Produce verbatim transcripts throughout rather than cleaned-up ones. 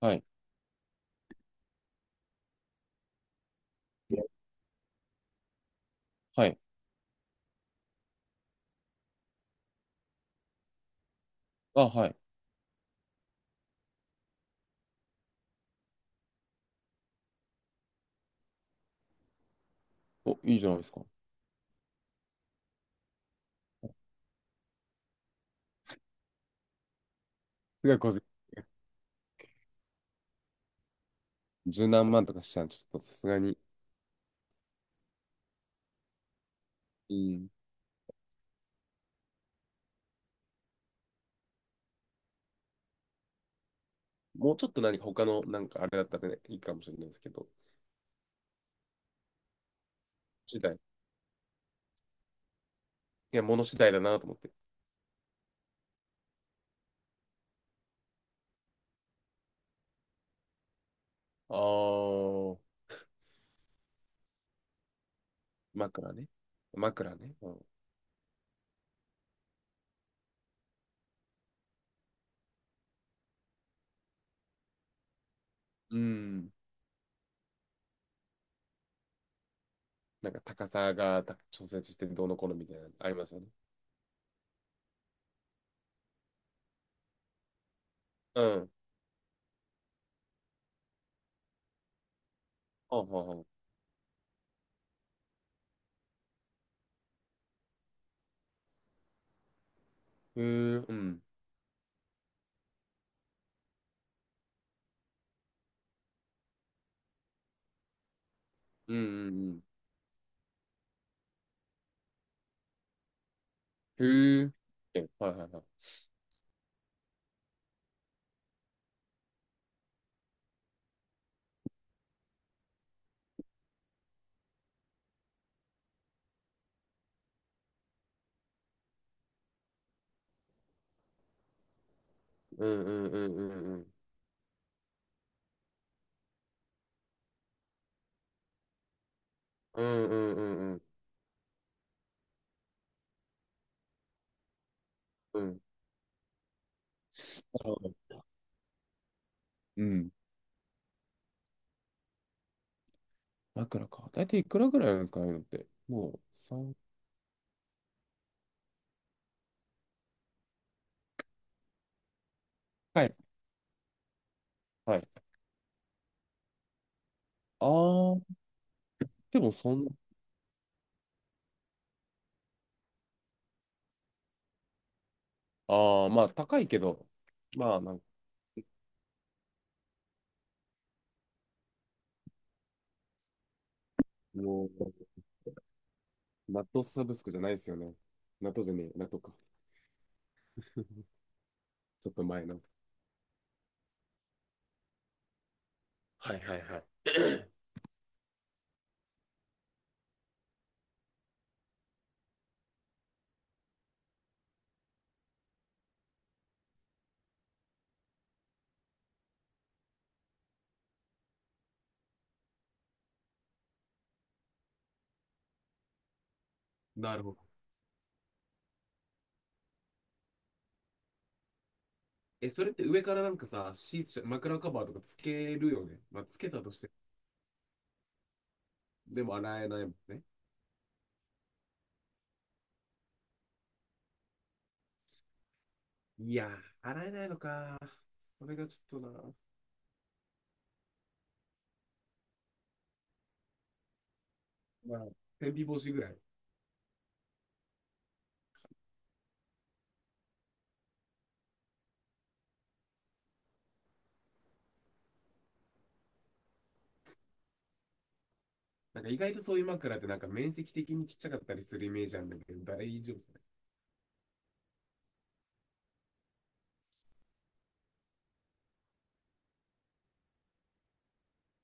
はい。ではい。あ、はい。お、いいじゃないですか。すごいこう、十何万とかしちゃうちょっとさすがに。うん。もうちょっと何か他の、なんかあれだったらね、いいかもしれないですけど、次第。いや、物次第だなと思って。あー、枕ね。枕ね。うん。うんなんか高さがた調節してどうのこうのみたいなのありますよね。うん。あ、はは。へえ、うん。うんうんうん。へえ。えはいはいはい。うんうんうんうんうん。うんうんうんうん。うん。なるほどうん枕か。だいたいいくらぐらいなんですかね、ああいうのって。もうさんかい。はい。はいああ、でもそんな、ああ、まあ高いけど、まあなんか、もう、納豆サブスクじゃないですよね。納豆じゃねえ、納豆か。ちょっと前の。はいはいはい。なるほど。え、それって上からなんかさ、シーツ、枕カバーとかつけるよね。まあ、つけたとして、でも洗えないもんね。いやー、洗えないのか。それがちょっとな。まあ、天日干しぐらい。なんか意外とそういう枕ってなんか面積的にちっちゃかったりするイメージあるんだけど、大丈夫ですね。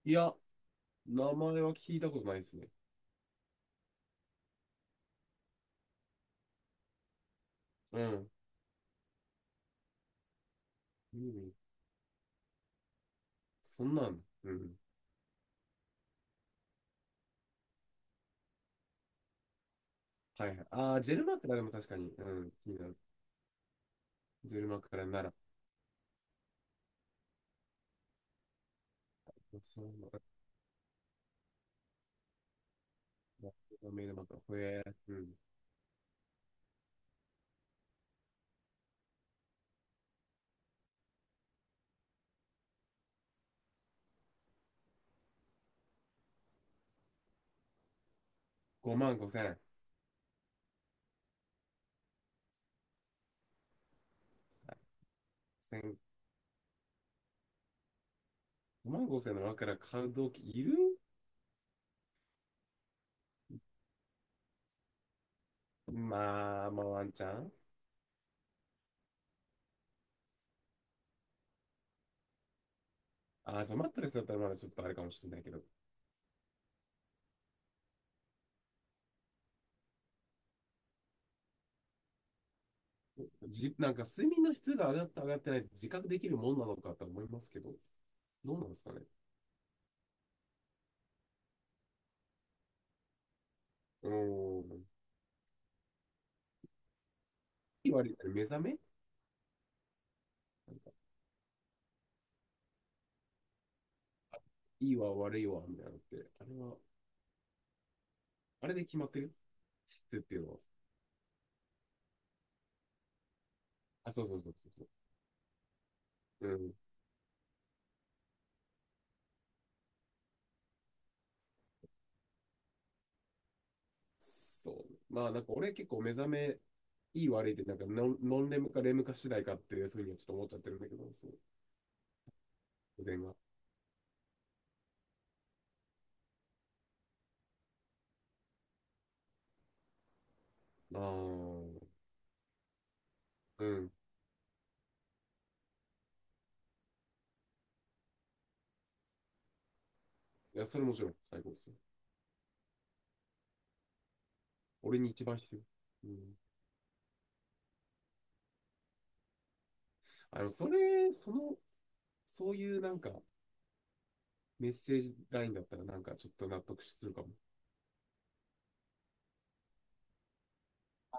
いや、名前は聞いたことないですね。うん。うんそんなん。うん。はいはい。ああ、ジェル枕でも確かに、うん、気になる。ジェル枕なら。そうなんだ。メイド枕。ほえー、うん。ごまんごせん円。千ごまんごせんの枕買う動機いるまあ、まあワンチャン。ああ、そう、マットレスだったらまだちょっとあれかもしれないけど。じ、なんか睡眠の質が上がった上がってないって自覚できるもんなのかと思いますけど、どうなんですかね。うーん。いい悪いって目覚めいいわ悪いわみたいなのって、あれは、あれで決まってる質っていうのは。あ、そうそうそうそうそう。うん。そう。まあなんか俺結構目覚めいい悪いってなんかノン、ノンレムかレムか次第かっていうふうにはちょっと思っちゃってるんだけど、そう。自然が。ああ、うん。いや、それもちろん最高ですよ。俺に一番必要。うん。あの、それ、そのそういうなんかメッセージラインだったらなんかちょっと納得するかも。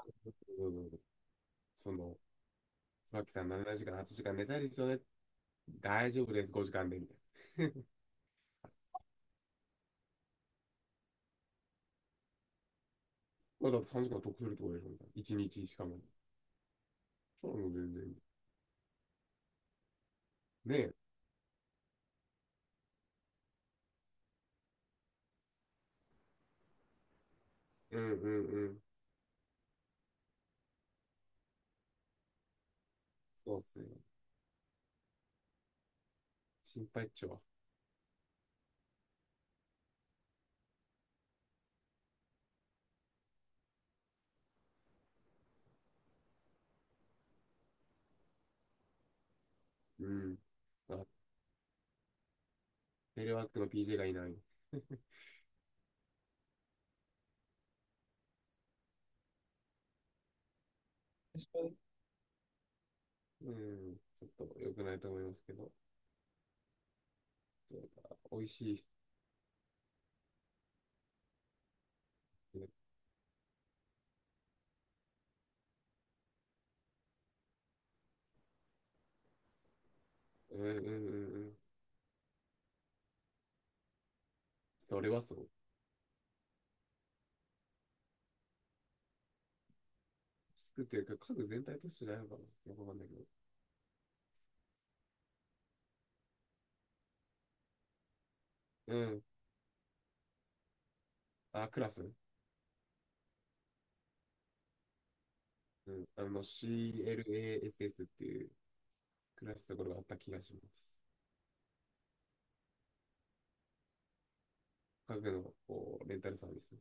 そうそうそうその、椿さんしちじかん、はちじかん寝たいですよね。大丈夫です、ごじかんで、みたいな。まあだってさんじかん得するとこでしょ、みたいな。いちにちしかも。そうなの、全然。ねえ。うんうんうん。そうっすよ。心配っちょは。うん。あ、テレワークの ピージェー がいない。確かに。うん。ちょっと良くないと思いますけど。そうか美味しい。ねうんうんうんうん。それはそう。作ってるか、家具全体としてないのかなよくわかんないけど。うん。あ、クラス。うん。あの、クラス っていうクラスところがあった気がします。家具のこうレンタルサービス。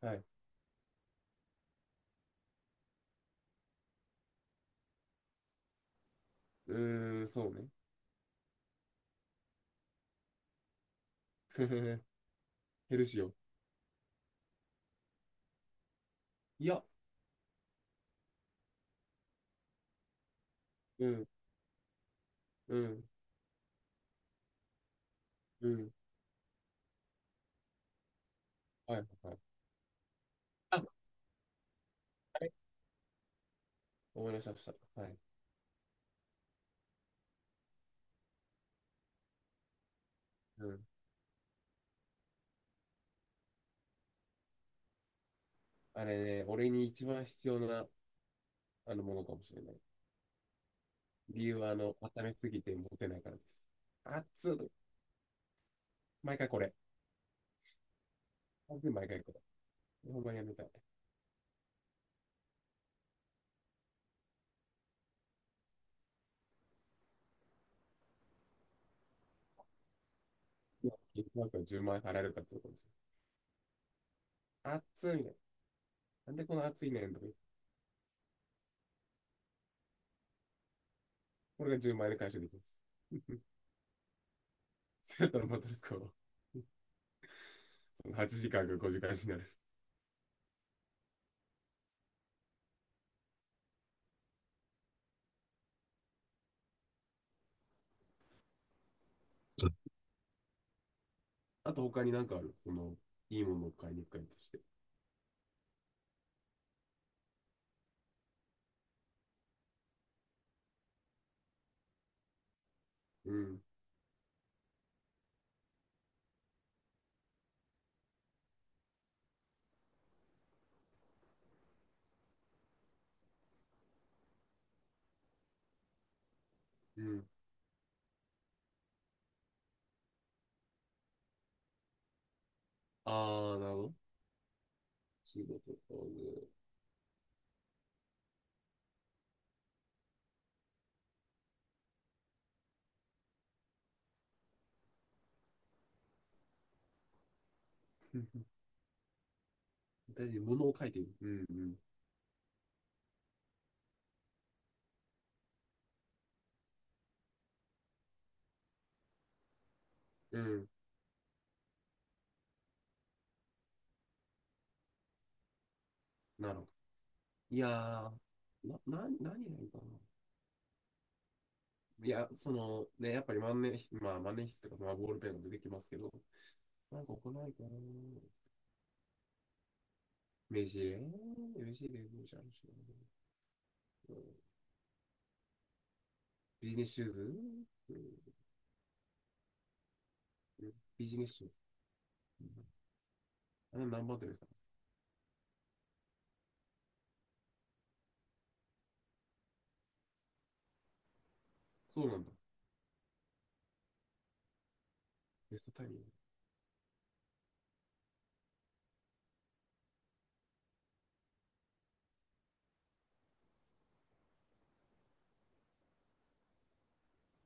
はい。うーん、そうね。ふふふヘルシオ。いや、うん、うん、うん。はい、はい。あ、あれ思い出しました。はい。うん。あれね、俺に一番必要なあのものかもしれない。理由は、あの、温めすぎて持てないからです。熱っ毎回これ。毎回これ。ほんまやめたい。なんかじゅうまん円払えるかってところです。熱いみたいな。なんでこの熱いねんとか。これがじゅうまん円で回収できます。そうやったらマトレス買おう。そのはちじかんかごじかんになる。あと他になんかある。その、いいものを買いに行くかとして。うん。うん。あー、なるほど。仕事とかね、うん大事に物を書いている。うんうん。うん。なるほど。いやー、な、な、何がいいかな。いや、そのね、やっぱり万年筆、まあ万年筆とか、まあボールペンが出てきますけど、なんか行ないかな。目ジ目メもじゃんしな、うんビジネスシューズ、うん、ビジネスシューズ。うん、あれ何番手ですかそうなんだ。ベストタイミン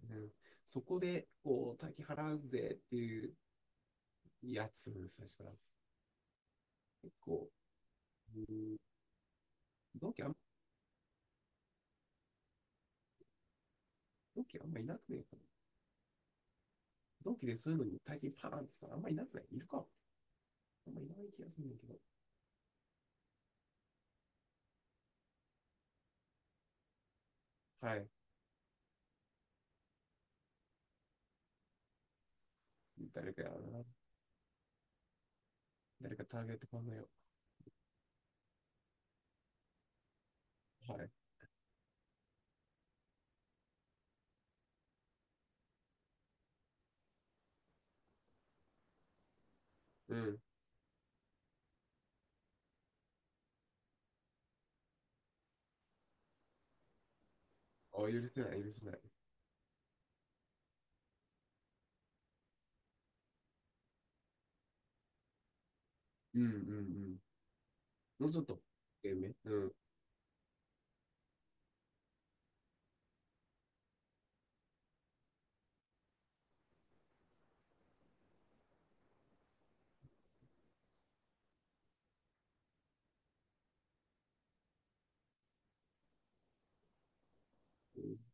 グ。うん、そこで、こう、大金払うぜっていうやつ、最初から。結構、うん、同期あん、同期あんまいなくねえかな。同期でそういうのに大金パーンって言ったらあんまいなくないいるかあんまいない気がするんだけど。はい。誰かやな。誰かターゲット考えよう。はい。うん。あ、許せない、許せない。うんうんうん。もうちょっと低め。うん。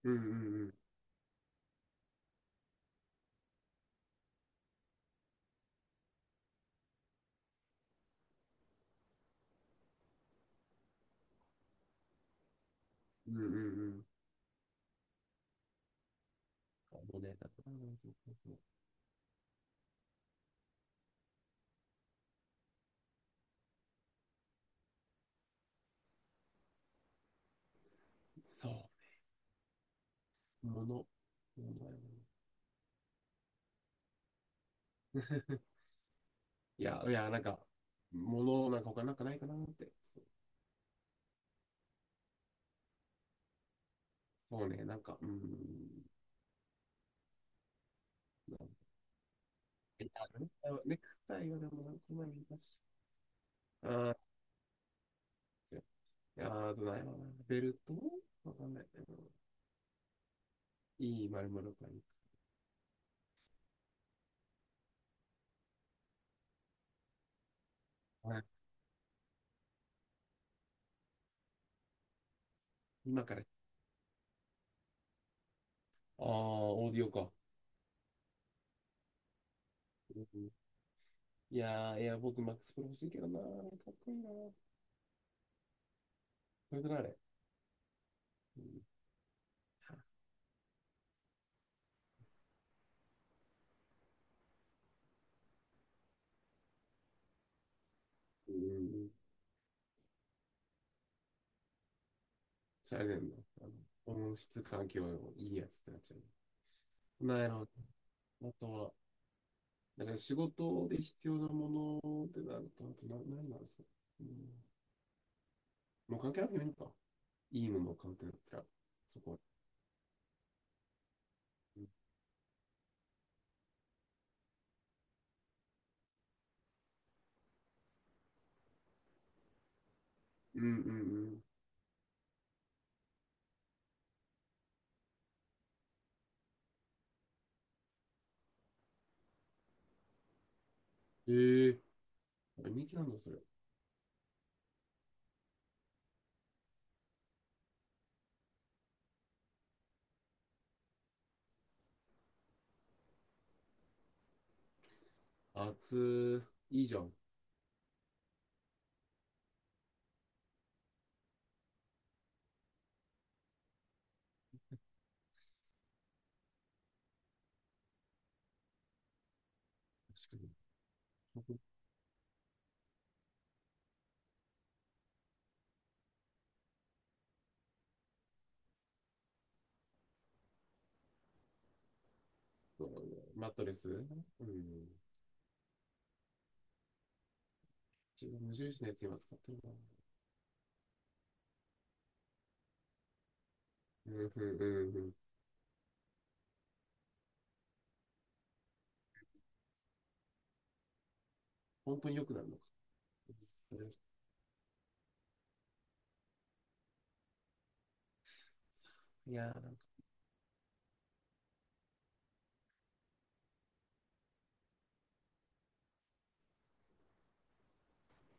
うんうんうん。うんうんうん。あのね、だから、そうそうそう。そう、もの。ものやな いや、いや、なんか、ものなんか他なんかないかなって。そうそうね、なんか、うん。なんかえあネクタイはね、ネクタイはでもなんかないだし。あーですよいやー、あとないわな。ベルトわかんない。うんいい丸々かいい。はい。今から。ああ、オーディオか。いやー、エアポッズマックスプロ欲しいけどなー。かっこいいなー。それとなあれ。うん。うん。しゃれるの。あの音質環境いいやつってなっちゃう。なんやろ。あとは、だから仕事で必要なものってなると、あとな何なんですか。うん。もう関係なくてもいいのか。いいものを買うってなったら、そこは。うんうんうん。ええー。人気なんだ、それ。熱いいじゃん。確かに。そうマットレスうん。自分無印のやつ今使ってるな。うんうんうんうん。本当に良くなるのか。いやー、なんか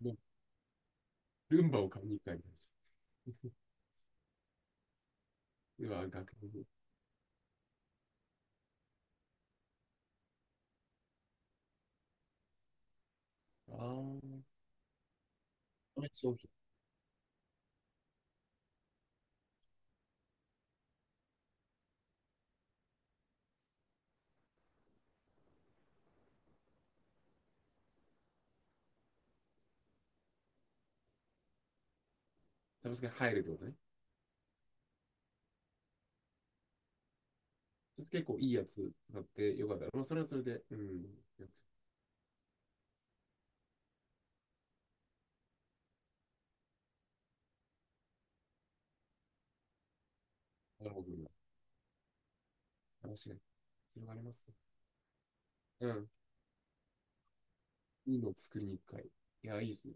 もう、ルンバを買いに行く感じでしょ。うわ、学部あー、これ商品。サブスクに入るってことね。それ結構いいやつ使ってよかった。まあ、それはそれで、うん。なるほど。話が広がりますね。うん。いいのを作りに行く会。いや、いいですね。